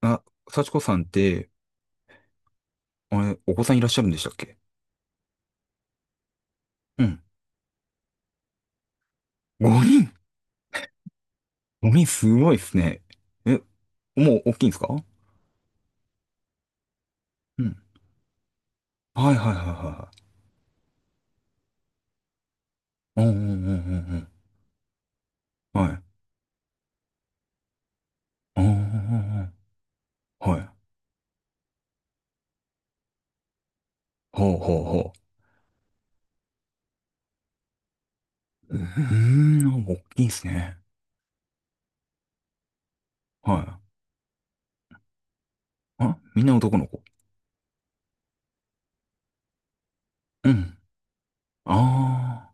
あ、幸子さんって、あれ、お子さんいらっしゃるんでしたっけ？うん。5人？ 5 人すごいですね。え、もう大きいんですか？うん。はいはいはいはいはい。うんうんうんうんうん。はい。うんうんうんうん。はい。ほうほうほう。うーん、大きいですね。はい。あ、みんな男の子。うん。ああ。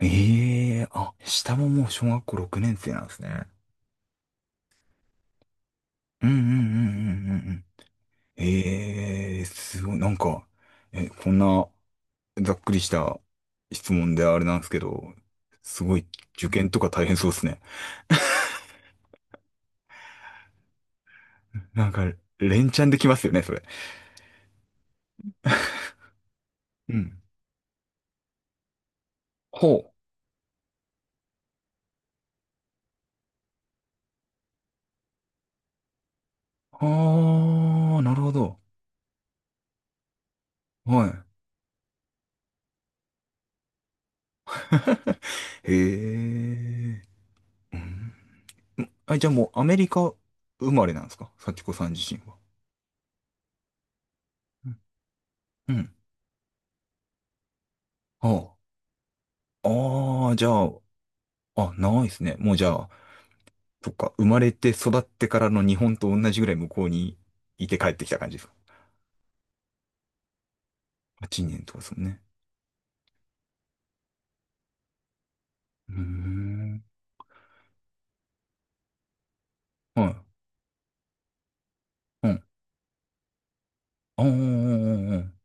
ええ、あ、下ももう小学校6年生なんですね。うんうんうんうんうんうん。ええ、すごい、なんか、え、こんな、ざっくりした質問であれなんですけど、すごい受験とか大変そうですね。なんか、連チャンできますよね、それ。うん。ほう。あー、なるほど。はい。へえ。うん、あ、じゃあもうアメリカ生まれなんですか、幸子さん自身は。うん。はあ。ああ、じゃあ、あ、ないですね。もうじゃあ、そっか、生まれて育ってからの日本と同じぐらい向こうにいて帰ってきた感じですか？8年とかですもんね。うーん。はい。うん。ああ、うんうんうんうん。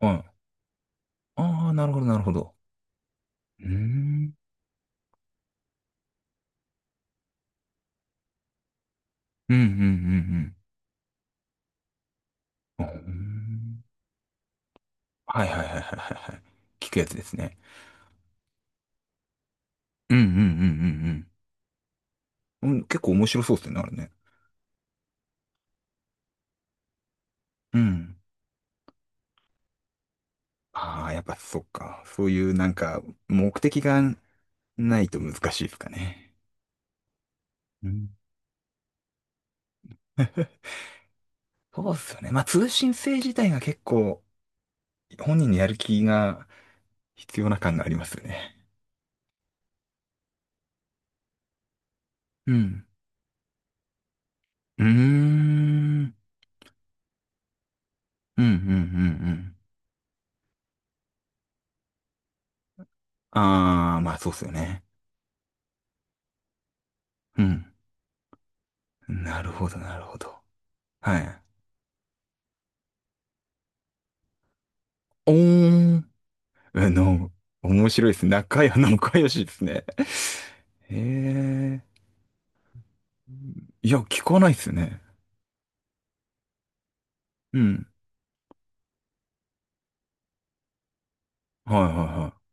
はい。ああ、なるほど、なるほど。うーん。うん、うん、うん、うん。うーん、はいはいはいはいはいはい。聞くやつですね。うん、うん、うん、うん、うん。うん、結構面白そうですね、あれね。うん。ああ、やっぱそっか。そういうなんか、目的がないと難しいですかね。うん。そうっすよね。まあ、通信制自体が結構、本人のやる気が必要な感がありますよね。うん。うーん。うん、うん、うん、うん。ああ、まあそうっすよね。うん。なるほど、なるほど。はい。おーん。あの、面白いです。仲良しですね。へえ。いや、聞かないっすね。うん。はい、はい、は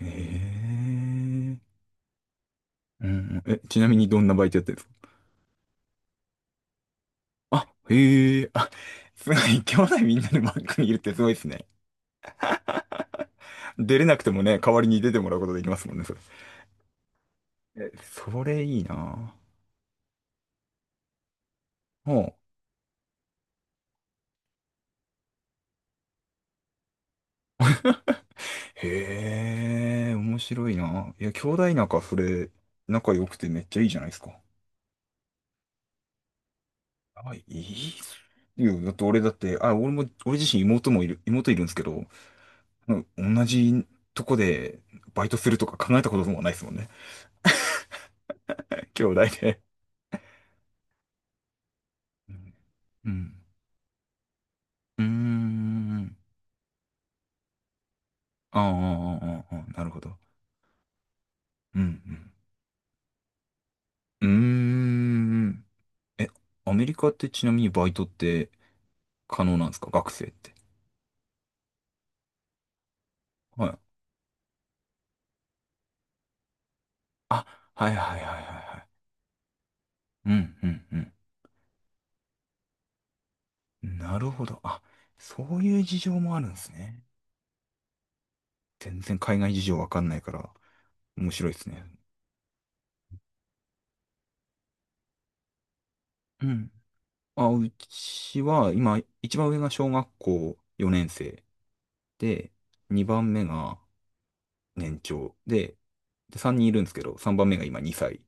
い。へえ。うん。え、ちなみにどんなバイトやってるんですか？あ、へえ。あ、すごい。兄弟みんなでバックにいるってすごいですね。出れなくてもね、代わりに出てもらうことできますもんね、それ。え、それいいな。もう、へえ、面白いな。いや、兄弟仲、それ、仲良くてめっちゃいいじゃないですか。あ、いいっすよ。だって俺だって、あ、俺も、俺自身妹もいる、妹いるんですけど、うん、同じとこでバイトするとか考えたこともないですもんね。兄弟で。うん。うん。ああ、ああ、あーあー、なるほど。うん、うん。うーん。え、アメリカってちなみにバイトって可能なんですか、学生って？はい。あ、はいはいはいはいはい。うんうんうん。なるほど。あ、そういう事情もあるんですね。全然海外事情わかんないから面白いですね。うん。あ、うちは今、一番上が小学校4年生で、2番目が年長で、で、3人いるんですけど、3番目が今2歳。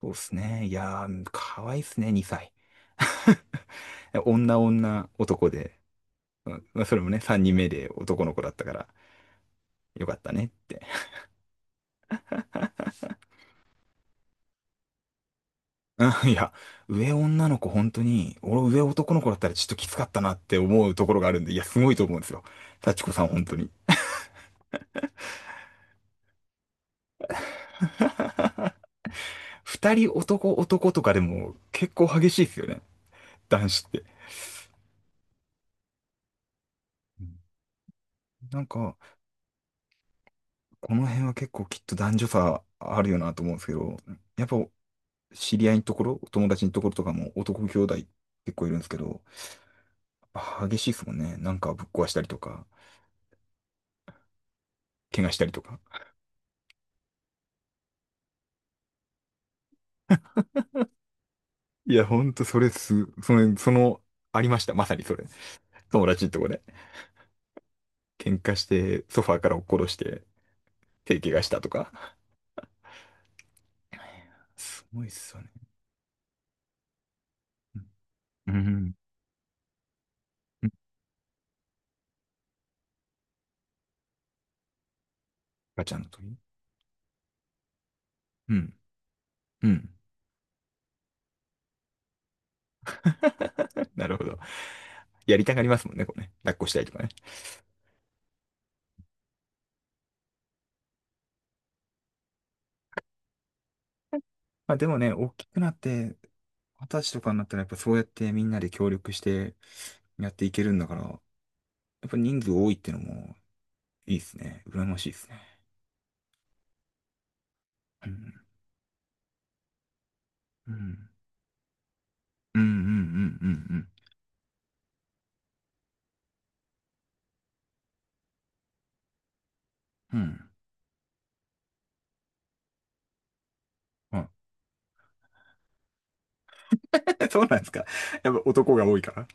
そうですね。いやー、かわいいっすね、2歳。女女男で、うん、まあそれもね、3人目で男の子だったから、よかったねって。うん、いや、上女の子本当に、俺上男の子だったらちょっときつかったなって思うところがあるんで、いや、すごいと思うんですよ。幸子さん本当に。二人男男とかでも結構激しいですよね。男子って。うん、なんか、この辺は結構きっと男女差あるよなと思うんですけど、やっぱ知り合いのところ、お友達のところとかも男兄弟結構いるんですけど、やっぱ激しいですもんね。なんかぶっ壊したりとか、怪我したりとか。いや、ほんとそれす、それ、その、ありました。まさにそれ。友達のとこで。喧嘩して、ソファーから落っことして、手怪我したとか。すごいっすよね。うん。うんうん。ガチャの時。うん。うん。なるほど。やりたがりますもんね、こうね。抱っこしたいとかね。まあでもね、大きくなって、私とかになったらやっぱそうやってみんなで協力してやっていけるんだから、やっぱ人数多いってのもいいですね。羨ましいですね。うん。うん。うんうんうんうんうん。うん。うん。 そうなんですか。やっぱ男が多いから。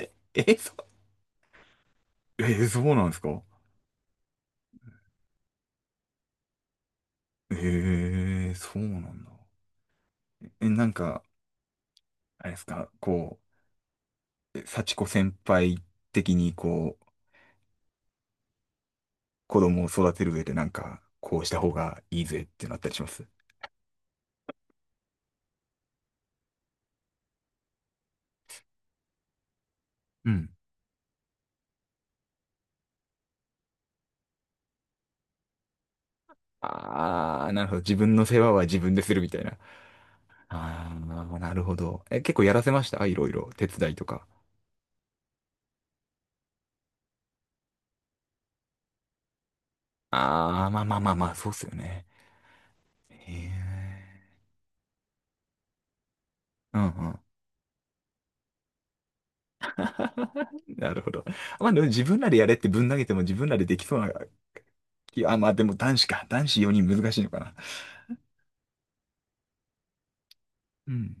え、そえ、そうなんですか？ええ、そうなんだ。え、なんか、あれですか、こう、え、幸子先輩的に、こう、子供を育てる上でなんか、こうした方がいいぜってなったりします？うん。ああ、なるほど。自分の世話は自分でするみたいな。ああ、なるほど。え、結構やらせました、いろいろ。手伝いとか。ああ、まあまあまあまあ、そうっすよね。へえ。うんうん。なるほど。まあでも自分らでやれってぶん投げても自分らでできそうな。いや、まあでも男子か。男子4人難しいのかな。うん。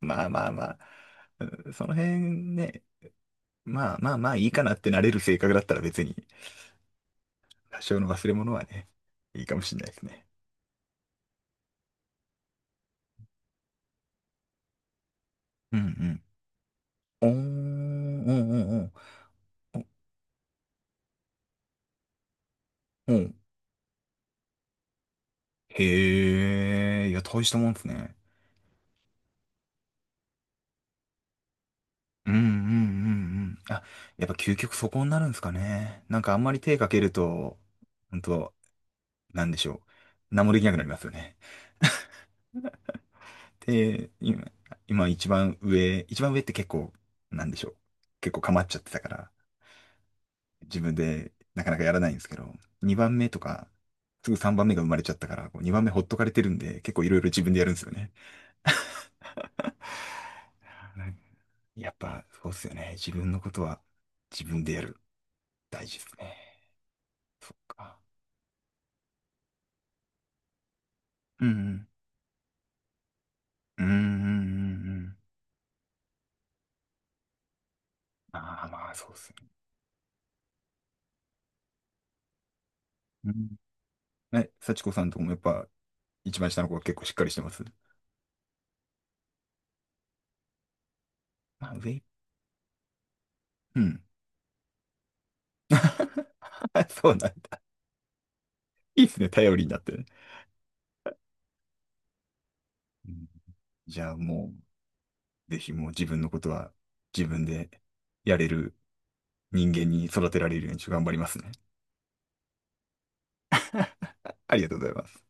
まあまあまあ、うん、その辺ね、まあまあまあいいかなってなれる性格だったら別に、多少の忘れ物はね、いいかもしれないですね。うんうん。おー、うんうんうん。お、うん。へえ、いや、大したもんですね。うんうんうんうん。あ、やっぱ究極そこになるんですかね。なんかあんまり手かけると、本当なんでしょう。何もできなくなりますよね。で、今、一番上って結構、なんでしょう。結構構っちゃってたから、自分でなかなかやらないんですけど、2番目とか、すぐ3番目が生まれちゃったから、こう2番目ほっとかれてるんで、結構いろいろ自分でやるんですよね。なんかやっぱ、そうっすよね。自分のことは自分でやる。大事ですね。そっか。うん。うん。うんうんうんうん。ああ、まあ、そうっすね。うん。え、幸子さんとこもやっぱ、一番下の子は結構しっかりしてます。まあ、上。うん。そうなんだ。いいですね。頼りになってね。うん、じゃあもう、ぜひもう自分のことは自分でやれる人間に育てられるようにちょっと頑張りますね。ありがとうございます。